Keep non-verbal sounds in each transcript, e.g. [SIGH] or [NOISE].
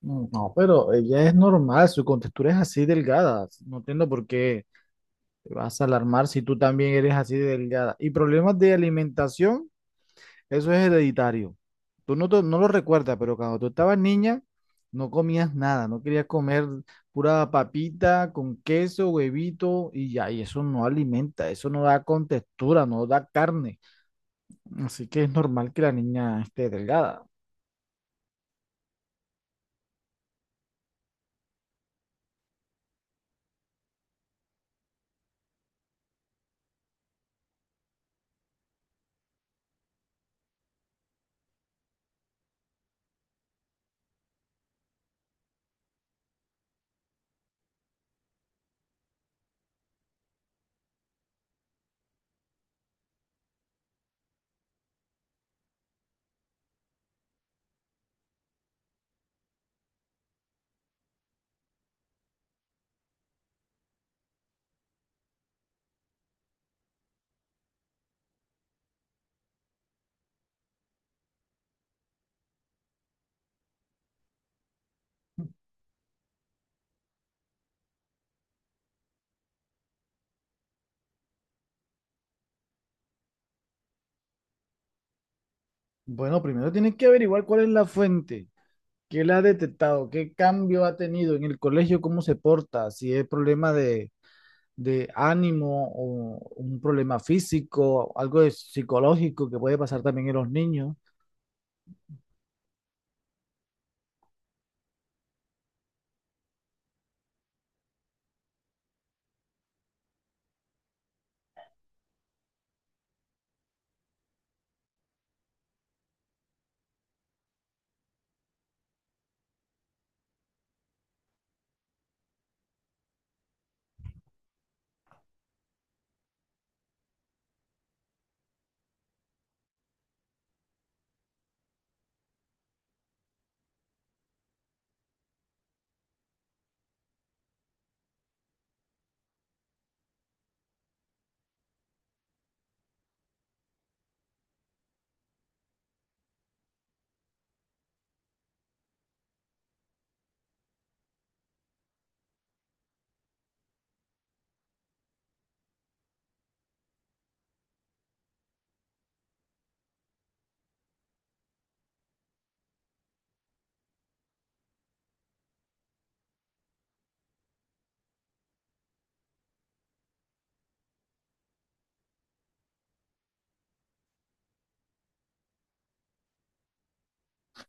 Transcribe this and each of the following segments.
Mm, no, pero ella es normal, su contextura es así delgada. No entiendo por qué te vas a alarmar si tú también eres así de delgada. Y problemas de alimentación, eso es hereditario. Tú no, no lo recuerdas, pero cuando tú estabas niña, no comías nada, no querías comer pura papita con queso, huevito y ya, y eso no alimenta, eso no da contextura, no da carne. Así que es normal que la niña esté delgada. Bueno, primero tienes que averiguar cuál es la fuente. ¿Qué le ha detectado? ¿Qué cambio ha tenido en el colegio? ¿Cómo se porta? Si es problema de ánimo o un problema físico, algo de psicológico que puede pasar también en los niños.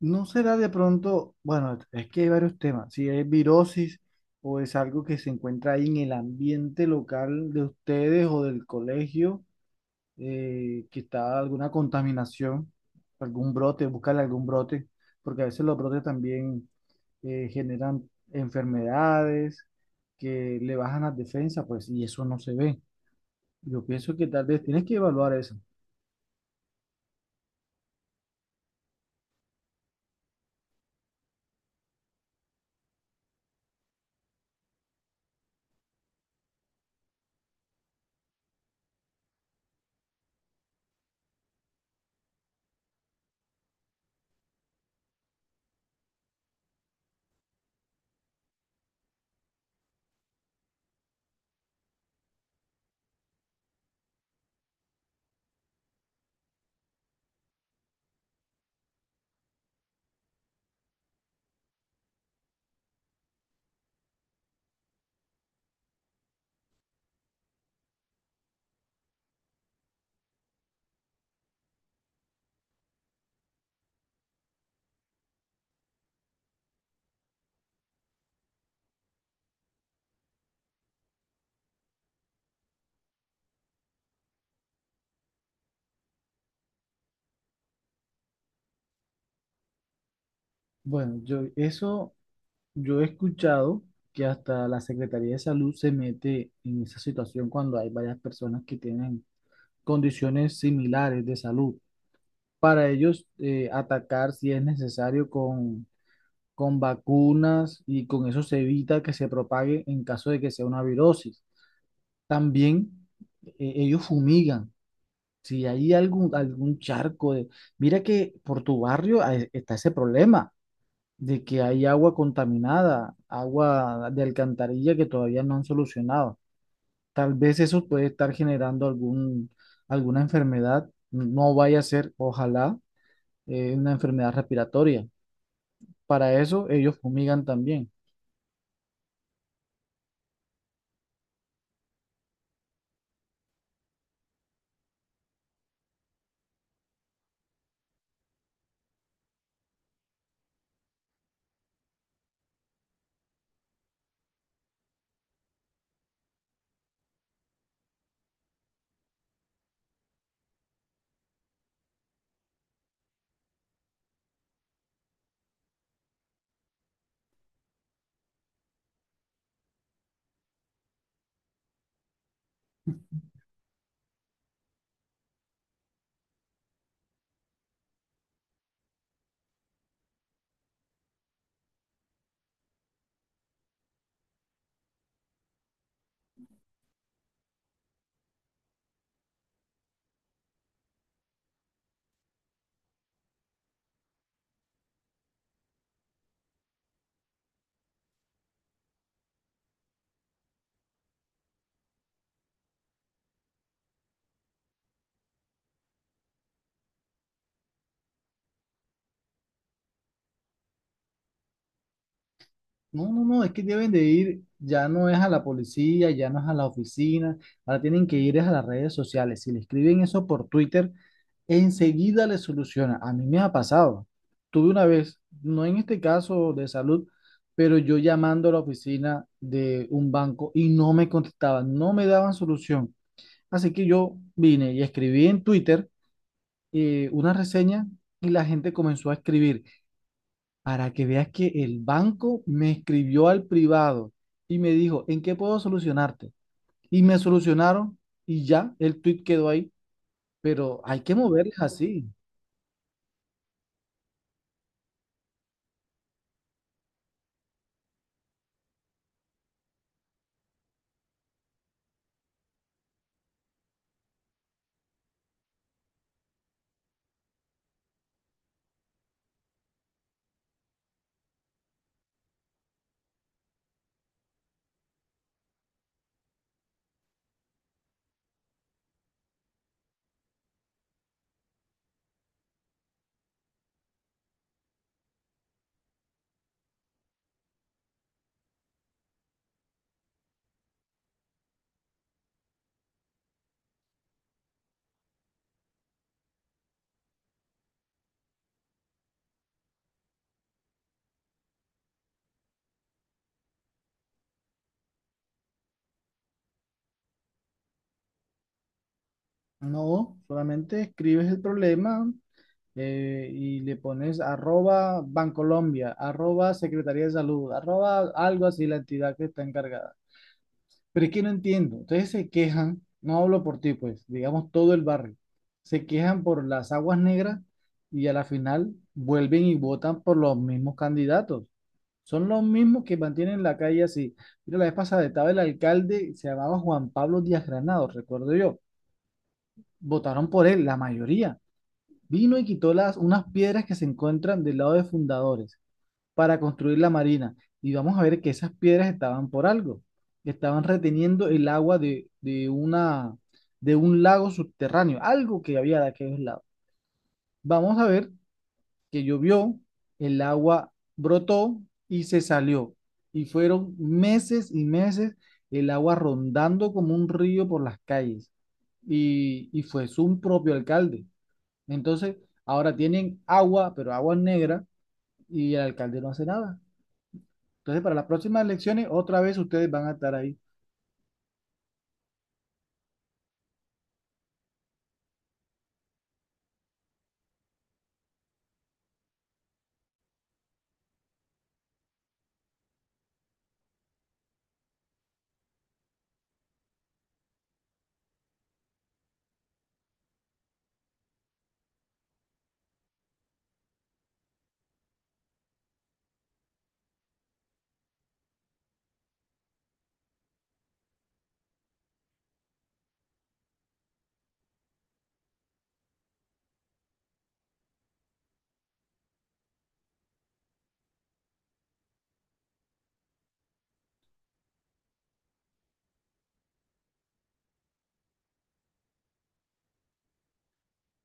¿No será de pronto, bueno, es que hay varios temas, si es virosis o es algo que se encuentra ahí en el ambiente local de ustedes o del colegio, que está alguna contaminación, algún brote, buscarle algún brote, porque a veces los brotes también generan enfermedades que le bajan las defensas, pues, y eso no se ve? Yo pienso que tal vez tienes que evaluar eso. Bueno, yo eso, yo he escuchado que hasta la Secretaría de Salud se mete en esa situación cuando hay varias personas que tienen condiciones similares de salud. Para ellos atacar si es necesario con vacunas, y con eso se evita que se propague en caso de que sea una virosis. También ellos fumigan. Si hay algún charco de... Mira que por tu barrio está ese problema de que hay agua contaminada, agua de alcantarilla que todavía no han solucionado. Tal vez eso puede estar generando alguna enfermedad. No vaya a ser, ojalá, una enfermedad respiratoria. Para eso ellos fumigan también. No, no, no, es que deben de ir, ya no es a la policía, ya no es a la oficina, ahora tienen que ir es a las redes sociales. Si le escriben eso por Twitter, enseguida le soluciona. A mí me ha pasado. Tuve una vez, no en este caso de salud, pero yo llamando a la oficina de un banco y no me contestaban, no me daban solución. Así que yo vine y escribí en Twitter una reseña, y la gente comenzó a escribir. Para que veas que el banco me escribió al privado y me dijo, ¿en qué puedo solucionarte? Y me solucionaron y ya, el tweet quedó ahí. Pero hay que moverles así. No, solamente escribes el problema y le pones arroba Bancolombia, arroba Secretaría de Salud, arroba algo así la entidad que está encargada. Pero es que no entiendo. Ustedes se quejan, no hablo por ti, pues, digamos todo el barrio, se quejan por las aguas negras y a la final vuelven y votan por los mismos candidatos. Son los mismos que mantienen la calle así. Mira, la vez pasada estaba el alcalde, se llamaba Juan Pablo Díaz Granados, recuerdo yo. Votaron por él, la mayoría. Vino y quitó las, unas piedras que se encuentran del lado de Fundadores para construir la marina. Y vamos a ver que esas piedras estaban por algo, estaban reteniendo el agua de una, de un lago subterráneo, algo que había de aquellos lados. Vamos a ver que llovió, el agua brotó y se salió. Y fueron meses y meses el agua rondando como un río por las calles. Y fue su propio alcalde. Entonces, ahora tienen agua, pero agua negra, y el alcalde no hace nada. Entonces, para las próximas elecciones, otra vez ustedes van a estar ahí.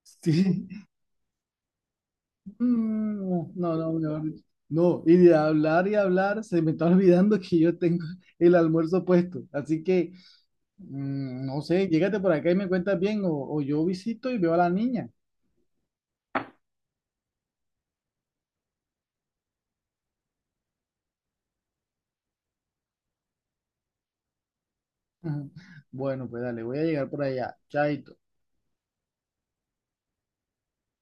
Sí. [LAUGHS] Mm, no, no, no. No, y de hablar y hablar, se me está olvidando que yo tengo el almuerzo puesto. Así que, mm, no sé, llégate por acá y me cuentas bien, o yo visito y veo a la niña. [LAUGHS] Bueno, pues dale, voy a llegar por allá. Chaito.